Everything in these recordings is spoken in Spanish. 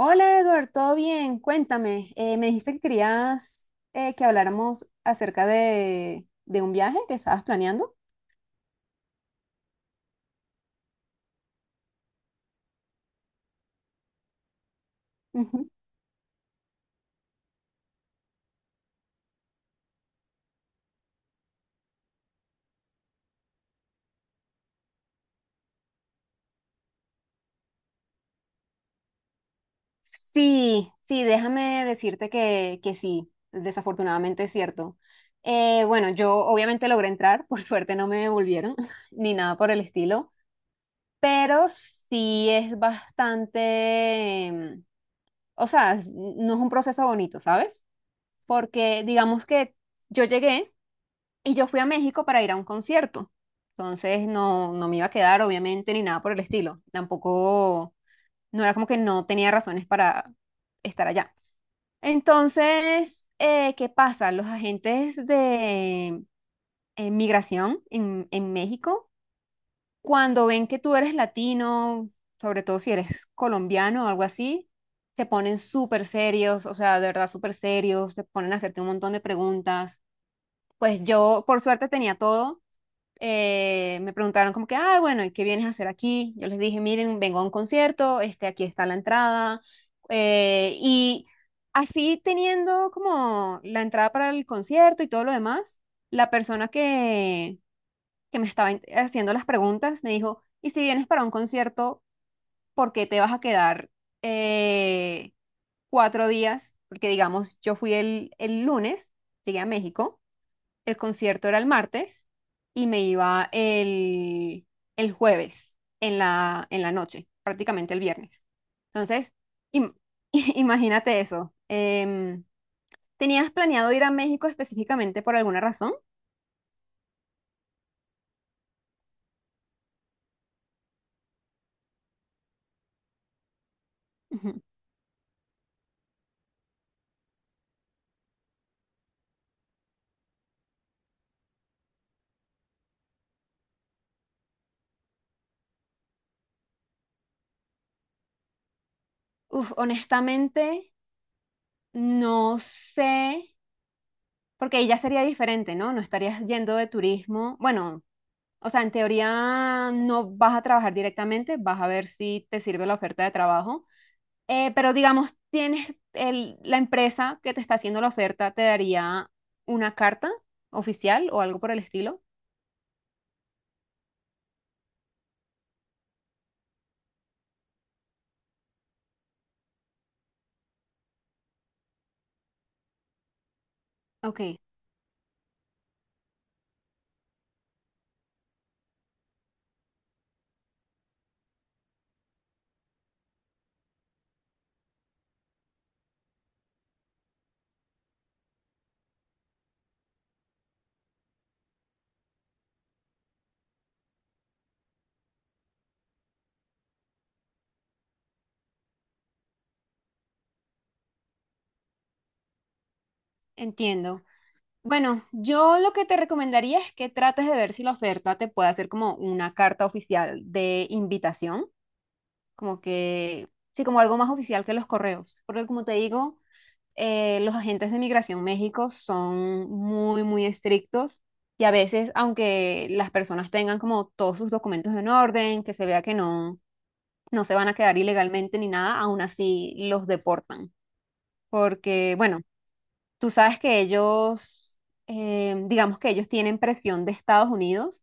Hola Edward, ¿todo bien? Cuéntame, me dijiste que querías que habláramos acerca de un viaje que estabas planeando. Ujú. Sí, déjame decirte que sí, desafortunadamente es cierto. Bueno, yo obviamente logré entrar, por suerte no me devolvieron ni nada por el estilo, pero sí es bastante, o sea, no es un proceso bonito, ¿sabes? Porque digamos que yo llegué. Y yo fui a México para ir a un concierto. Entonces no me iba a quedar, obviamente, ni nada por el estilo. Tampoco, no era como que no tenía razones para estar allá. Entonces, ¿qué pasa? Los agentes de migración en México, cuando ven que tú eres latino, sobre todo si eres colombiano o algo así, se ponen súper serios, o sea, de verdad súper serios, te ponen a hacerte un montón de preguntas. Pues yo, por suerte, tenía todo me preguntaron como que, ah, bueno, ¿y qué vienes a hacer aquí? Yo les dije, miren, vengo a un concierto, este, aquí está la entrada. Y así teniendo como la entrada para el concierto y todo lo demás, la persona que me estaba haciendo las preguntas me dijo, ¿y si vienes para un concierto, por qué te vas a quedar eh, cuatro días? Porque digamos, yo fui el lunes, llegué a México. El concierto era el martes y me iba el jueves en la noche, prácticamente el viernes. Entonces, im- imagínate eso. ¿Tenías planeado ir a México específicamente por alguna razón? Ujú. Uf, honestamente, no sé, porque ahí ya sería diferente, ¿no? No estarías yendo de turismo. Bueno, o sea, en teoría no vas a trabajar directamente, vas a ver si te sirve la oferta de trabajo. Pero digamos, tienes el, la empresa que te está haciendo la oferta, te daría una carta oficial o algo por el estilo. Ok, entiendo. Bueno, yo lo que te recomendaría es que trates de ver si la oferta te puede hacer como una carta oficial de invitación, como que, sí, como algo más oficial que los correos. Porque como te digo, los agentes de migración México son muy estrictos y a veces, aunque las personas tengan como todos sus documentos en orden, que se vea que no se van a quedar ilegalmente ni nada, aún así los deportan. Porque, bueno, tú sabes que ellos, digamos que ellos tienen presión de Estados Unidos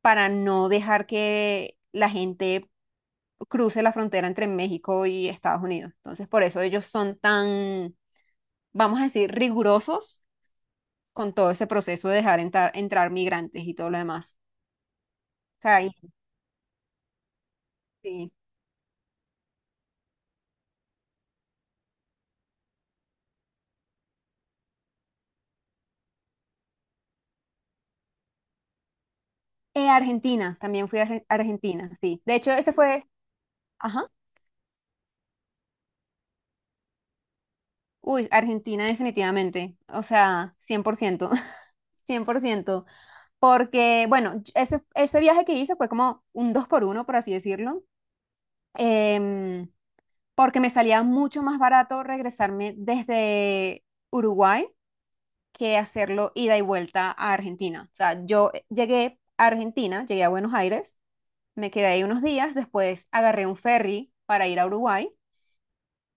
para no dejar que la gente cruce la frontera entre México y Estados Unidos. Entonces, por eso ellos son tan, vamos a decir, rigurosos con todo ese proceso de dejar entrar migrantes y todo lo demás. O sea, sí. Argentina, también fui a Argentina, sí. De hecho, ese fue, ajá, uy, Argentina definitivamente, o sea, cien por ciento, 100%, porque, bueno, ese viaje que hice fue como un dos por uno, por así decirlo, em, porque me salía mucho más barato regresarme desde Uruguay que hacerlo ida y vuelta a Argentina. O sea, yo llegué a Argentina, llegué a Buenos Aires. Me quedé ahí unos días, después agarré un ferry para ir a Uruguay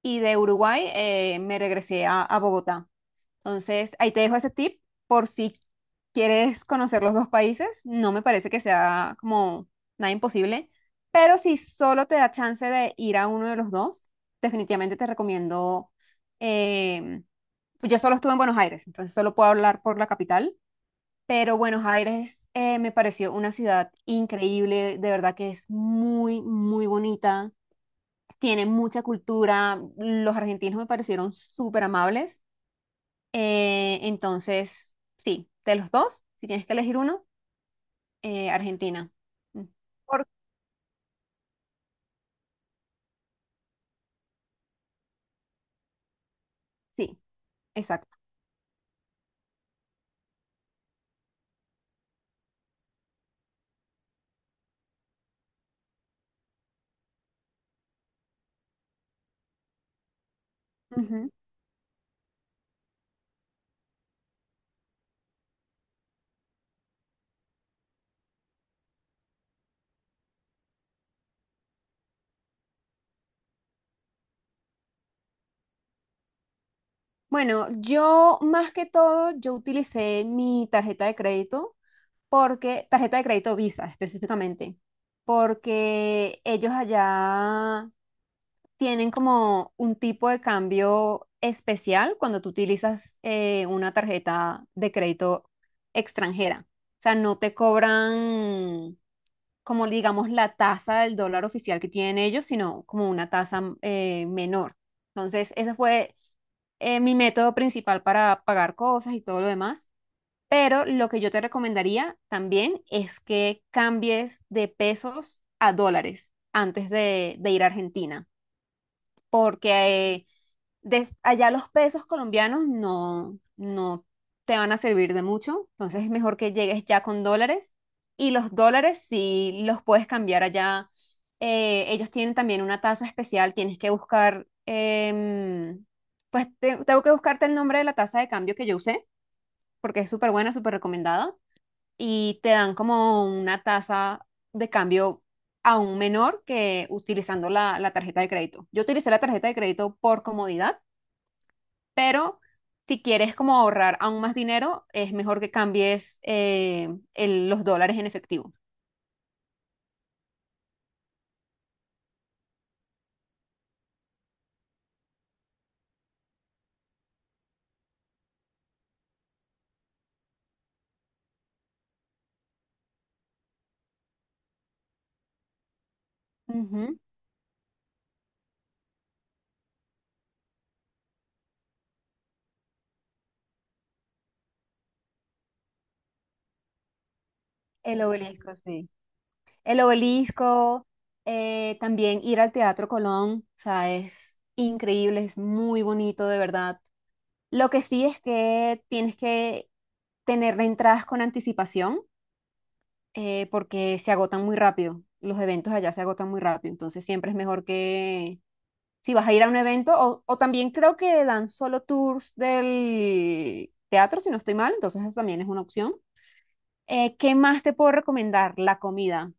y de Uruguay me regresé a Bogotá. Entonces, ahí te dejo ese tip por si quieres conocer los dos países. No me parece que sea como nada imposible, pero si solo te da chance de ir a uno de los dos, definitivamente te recomiendo. em, yo solo estuve en Buenos Aires, entonces solo puedo hablar por la capital, pero bueno, Aires me pareció una ciudad increíble, de verdad que es muy, muy bonita, tiene mucha cultura, los argentinos me parecieron súper amables, entonces, sí, de los dos, si tienes que elegir uno, Argentina. Mm, Por- Sí, exacto. Ujú. Bueno, yo más que todo, yo utilicé mi tarjeta de crédito porque, tarjeta de crédito Visa específicamente, porque ellos allá tienen como un tipo de cambio especial cuando tú utilizas una tarjeta de crédito extranjera. O sea, no te cobran como digamos la tasa del dólar oficial que tienen ellos, sino como una tasa menor. Entonces, ese fue mi método principal para pagar cosas y todo lo demás. Pero lo que yo te recomendaría también es que cambies de pesos a dólares antes de ir a Argentina, porque allá los pesos colombianos no te van a servir de mucho, entonces es mejor que llegues ya con dólares y los dólares si los puedes cambiar allá. Eh, ellos tienen también una tasa especial, tienes que buscar, pues tengo que buscarte el nombre de la tasa de cambio que yo usé, porque es súper buena, súper recomendada, y te dan como una tasa de cambio aún menor que utilizando la tarjeta de crédito. Yo utilicé la tarjeta de crédito por comodidad, pero si quieres como ahorrar aún más dinero, es mejor que cambies los dólares en efectivo. Ujú. El obelisco, sí. El obelisco, también ir al Teatro Colón, o sea, es increíble, es muy bonito, de verdad. Lo que sí es que tienes que tener entradas con anticipación, porque se agotan muy rápido. Los eventos allá se agotan muy rápido, entonces siempre es mejor que si vas a ir a un evento, o también creo que dan solo tours del teatro, si no estoy mal, entonces esa también es una opción. ¿Qué más te puedo recomendar? La comida.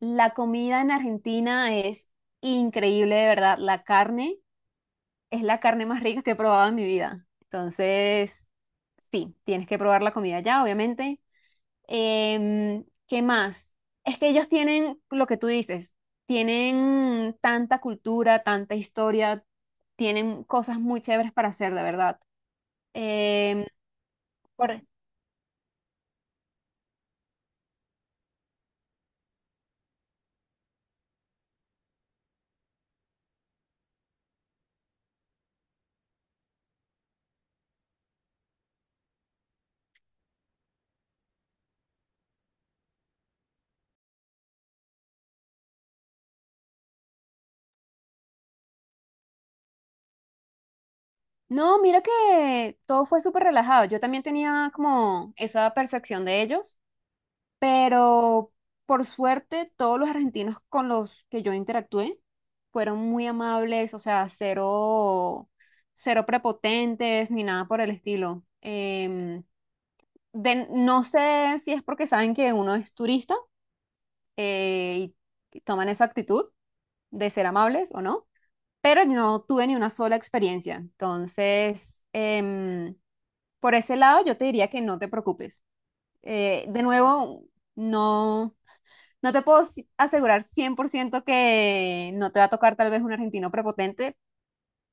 La comida en Argentina es increíble, de verdad. La carne es la carne más rica que he probado en mi vida. Entonces, sí, tienes que probar la comida allá, obviamente. ¿Qué más? Es que ellos tienen lo que tú dices, tienen tanta cultura, tanta historia, tienen cosas muy chéveres para hacer, de verdad. Em, por- No, mira que todo fue súper relajado. Yo también tenía como esa percepción de ellos, pero por suerte todos los argentinos con los que yo interactué fueron muy amables, o sea, cero, cero prepotentes ni nada por el estilo. No sé si es porque saben que uno es turista eh, y toman esa actitud de ser amables o no, pero yo no tuve ni una sola experiencia. Entonces, por ese lado, yo te diría que no te preocupes. De nuevo, no, no te puedo asegurar 100% que no te va a tocar tal vez un argentino prepotente,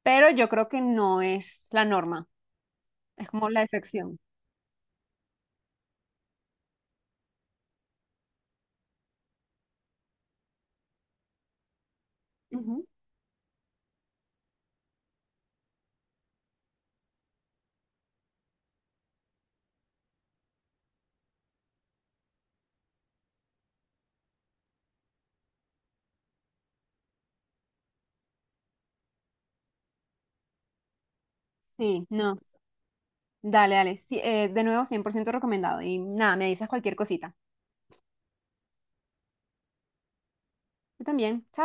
pero yo creo que no es la norma, es como la excepción. Ujú. Sí, no. Dale, dale. Sí, de nuevo, 100% recomendado. Y nada, me avisas cualquier cosita. Yo también. Chao.